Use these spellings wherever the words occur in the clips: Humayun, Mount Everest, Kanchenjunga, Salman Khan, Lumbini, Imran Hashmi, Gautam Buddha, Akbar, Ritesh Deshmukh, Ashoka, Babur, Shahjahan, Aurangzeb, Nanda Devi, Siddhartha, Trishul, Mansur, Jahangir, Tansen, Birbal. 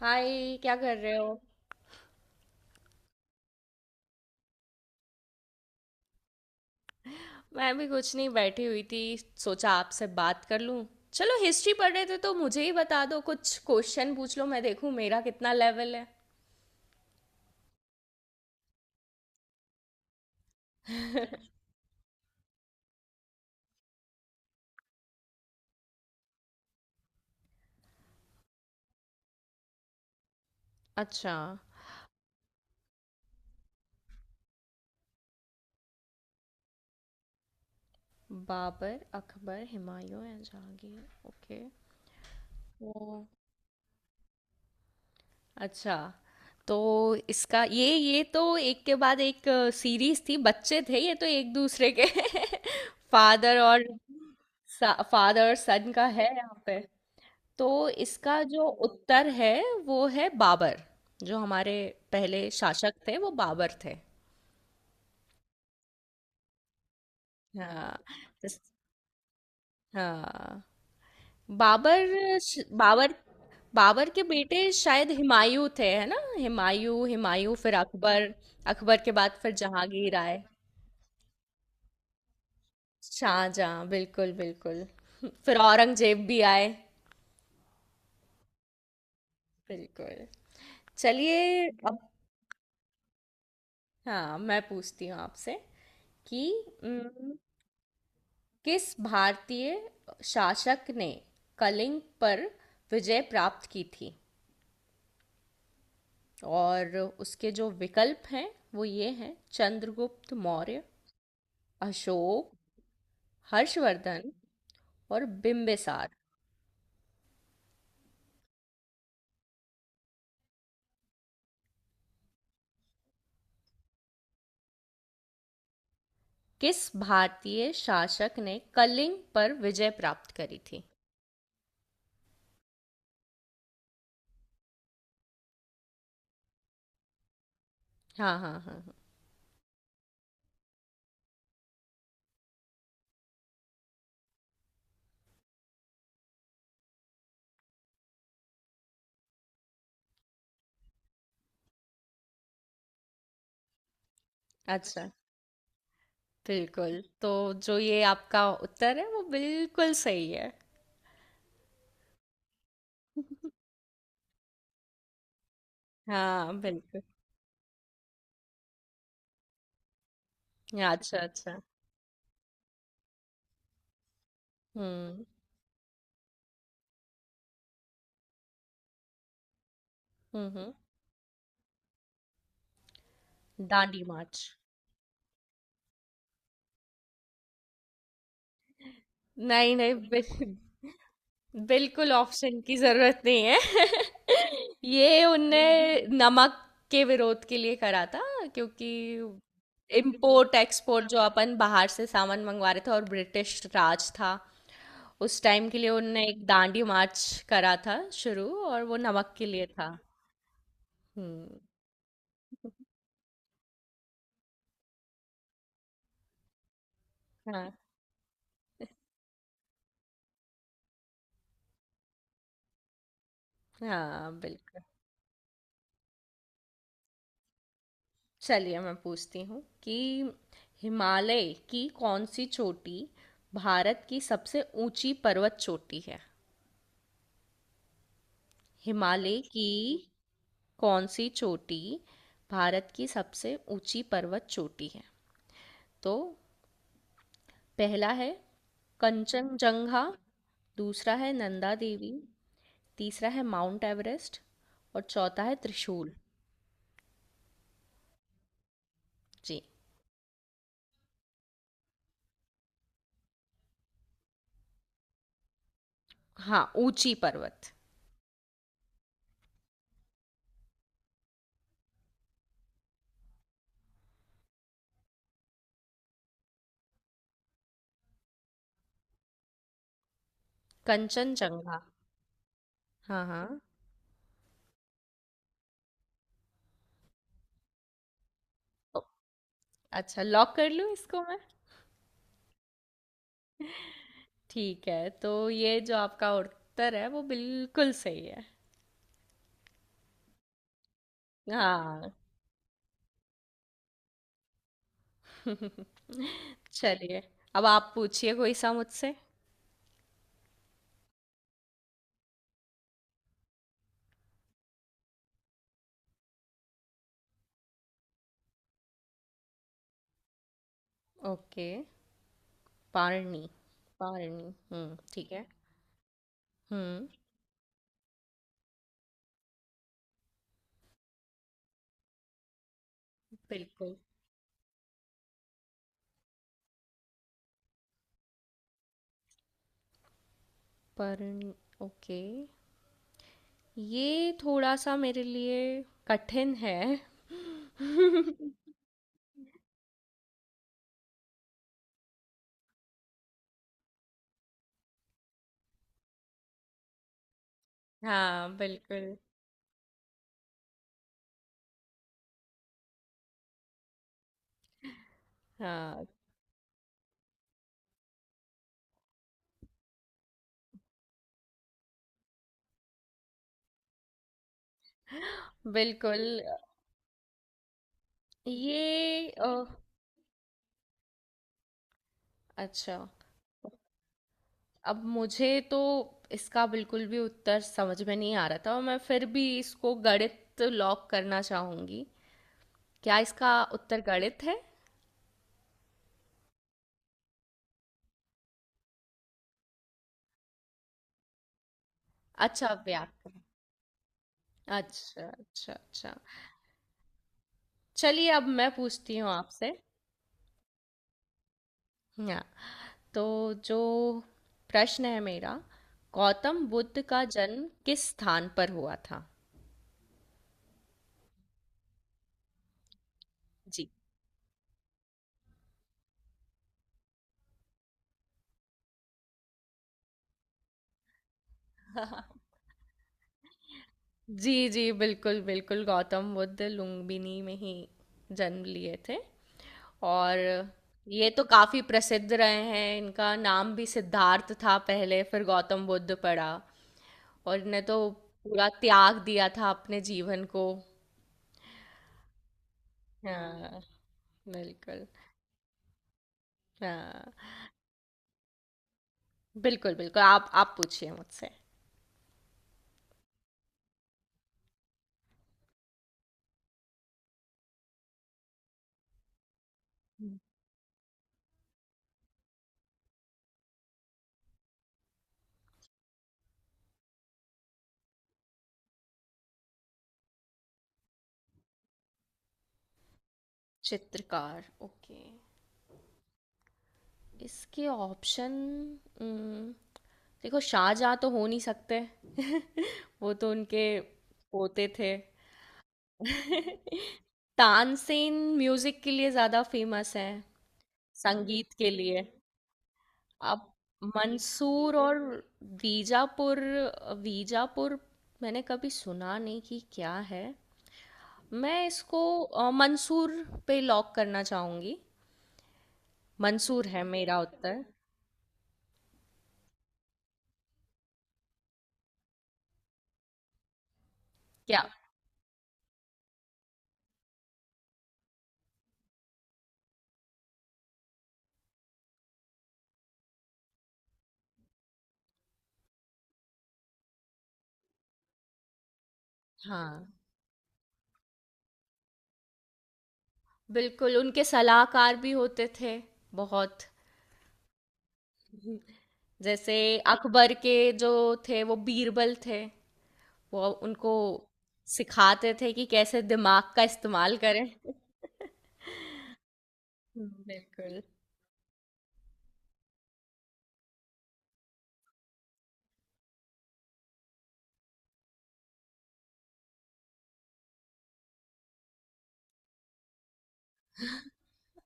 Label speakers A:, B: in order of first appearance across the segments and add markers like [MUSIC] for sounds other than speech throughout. A: हाय, क्या कर रहे हो। मैं भी कुछ नहीं, बैठी हुई थी। सोचा आपसे बात कर लूं। चलो, हिस्ट्री पढ़ रहे थे तो मुझे ही बता दो, कुछ क्वेश्चन पूछ लो, मैं देखूं मेरा कितना लेवल है। अच्छा। बाबर, अकबर, हुमायूं या जहांगीर। ओके। ओ। अच्छा। तो इसका ये तो एक के बाद एक सीरीज थी, बच्चे थे, ये तो एक दूसरे के [LAUGHS] फादर और सन का है यहाँ पे। तो इसका जो उत्तर है, वो है बाबर। जो हमारे पहले शासक थे, वो बाबर थे। हाँ। इस- हाँ। बाबर। बाबर के बेटे शायद हुमायूं थे, है ना। हुमायूं, हुमायूं फिर अकबर। अकबर के बाद फिर जहांगीर आए। शाहजहां, बिल्कुल बिल्कुल। फिर औरंगजेब भी आए। बिल्कुल। चलिए अब। हाँ, मैं पूछती हूँ आपसे कि किस भारतीय शासक ने कलिंग पर विजय प्राप्त की थी। और उसके जो विकल्प हैं वो ये हैं — चंद्रगुप्त मौर्य, अशोक, हर्षवर्धन और बिम्बिसार। किस भारतीय शासक ने कलिंग पर विजय प्राप्त करी थी। हाँ हाँ हाँ हाँ। अच्छा। बिल्कुल। तो जो ये आपका उत्तर है, वो बिल्कुल सही है। हाँ बिल्कुल। अच्छा अच्छा। हम्म। हम्म हम्म, दांडी मार्च। नहीं नहीं बिल, बिल्कुल ऑप्शन की जरूरत नहीं है। [LAUGHS] ये उनने नमक के विरोध के लिए करा था। क्योंकि इम्पोर्ट एक्सपोर्ट जो अपन बाहर से सामान मंगवा रहे थे, और ब्रिटिश राज था उस टाइम के लिए, उनने एक दांडी मार्च करा था शुरू, और वो नमक के लिए था। हम्म। हाँ हाँ बिल्कुल। चलिए मैं पूछती हूँ कि हिमालय की कौन सी चोटी भारत की सबसे ऊंची पर्वत चोटी है। हिमालय की कौन सी चोटी भारत की सबसे ऊंची पर्वत चोटी है। तो पहला है कंचनजंगा, दूसरा है नंदा देवी, तीसरा है माउंट एवरेस्ट और चौथा है त्रिशूल। जी। हाँ, ऊंची पर्वत। कंचनजंगा। हाँ हाँ। ओ, अच्छा, लॉक कर लूँ इसको। ठीक है, तो ये जो आपका उत्तर है वो बिल्कुल सही है। हाँ। [LAUGHS] चलिए अब आप पूछिए कोई सा मुझसे। ओके। पारणी। पारणी, हम्म, ठीक है। हम्म। बिल्कुल। पारणी, ओके। ये थोड़ा सा मेरे लिए कठिन है। [LAUGHS] हाँ बिल्कुल। हाँ बिल्कुल। ये अ, अच्छा। अब मुझे तो इसका बिल्कुल भी उत्तर समझ में नहीं आ रहा, था और मैं फिर भी इसको गणित लॉक करना चाहूंगी। क्या इसका उत्तर गणित है। अच्छा, व्याकरण। अच्छा अच्छा अच्छा। चलिए अब मैं पूछती हूँ आपसे। हाँ। तो जो प्रश्न है मेरा — गौतम बुद्ध का जन्म किस स्थान पर हुआ था। जी। [LAUGHS] जी जी, बिल्कुल बिल्कुल। गौतम बुद्ध लुम्बिनी में ही जन्म लिए थे। और ये तो काफी प्रसिद्ध रहे हैं। इनका नाम भी सिद्धार्थ था पहले, फिर गौतम बुद्ध पड़ा। और इन्हें तो पूरा त्याग दिया था अपने जीवन को। हाँ बिल्कुल। हाँ बिल्कुल बिल्कुल। आप पूछिए मुझसे। हम्म। चित्रकार, ओके। इसके ऑप्शन — देखो, शाहजहाँ तो हो नहीं सकते। [LAUGHS] वो तो उनके पोते थे। [LAUGHS] तानसेन म्यूजिक के लिए ज्यादा फेमस है। संगीत के लिए। अब मंसूर और वीजापुर। वीजापुर मैंने कभी सुना नहीं कि क्या है। मैं इसको मंसूर पे लॉक करना चाहूंगी। मंसूर है मेरा उत्तर। क्या। हाँ बिल्कुल, उनके सलाहकार भी होते थे बहुत। जैसे अकबर के जो थे वो बीरबल थे। वो उनको सिखाते थे कि कैसे दिमाग का इस्तेमाल करें। [LAUGHS] बिल्कुल।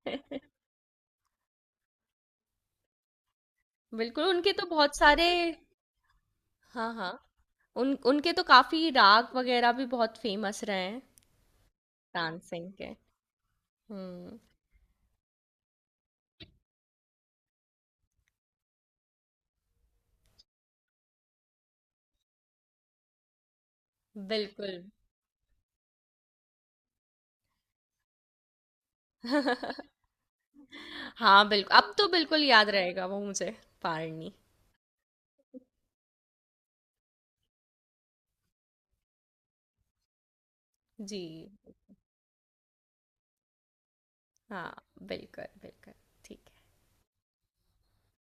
A: [LAUGHS] बिल्कुल, उनके तो बहुत सारे। हाँ हाँ। उन उनके तो काफी राग वगैरह भी बहुत फेमस रहे हैं। डांसिंग के। हम्म। बिल्कुल। [LAUGHS] हाँ बिल्कुल, अब तो बिल्कुल याद रहेगा वो मुझे। पारनी। जी। हाँ बिल्कुल बिल्कुल। ठीक है।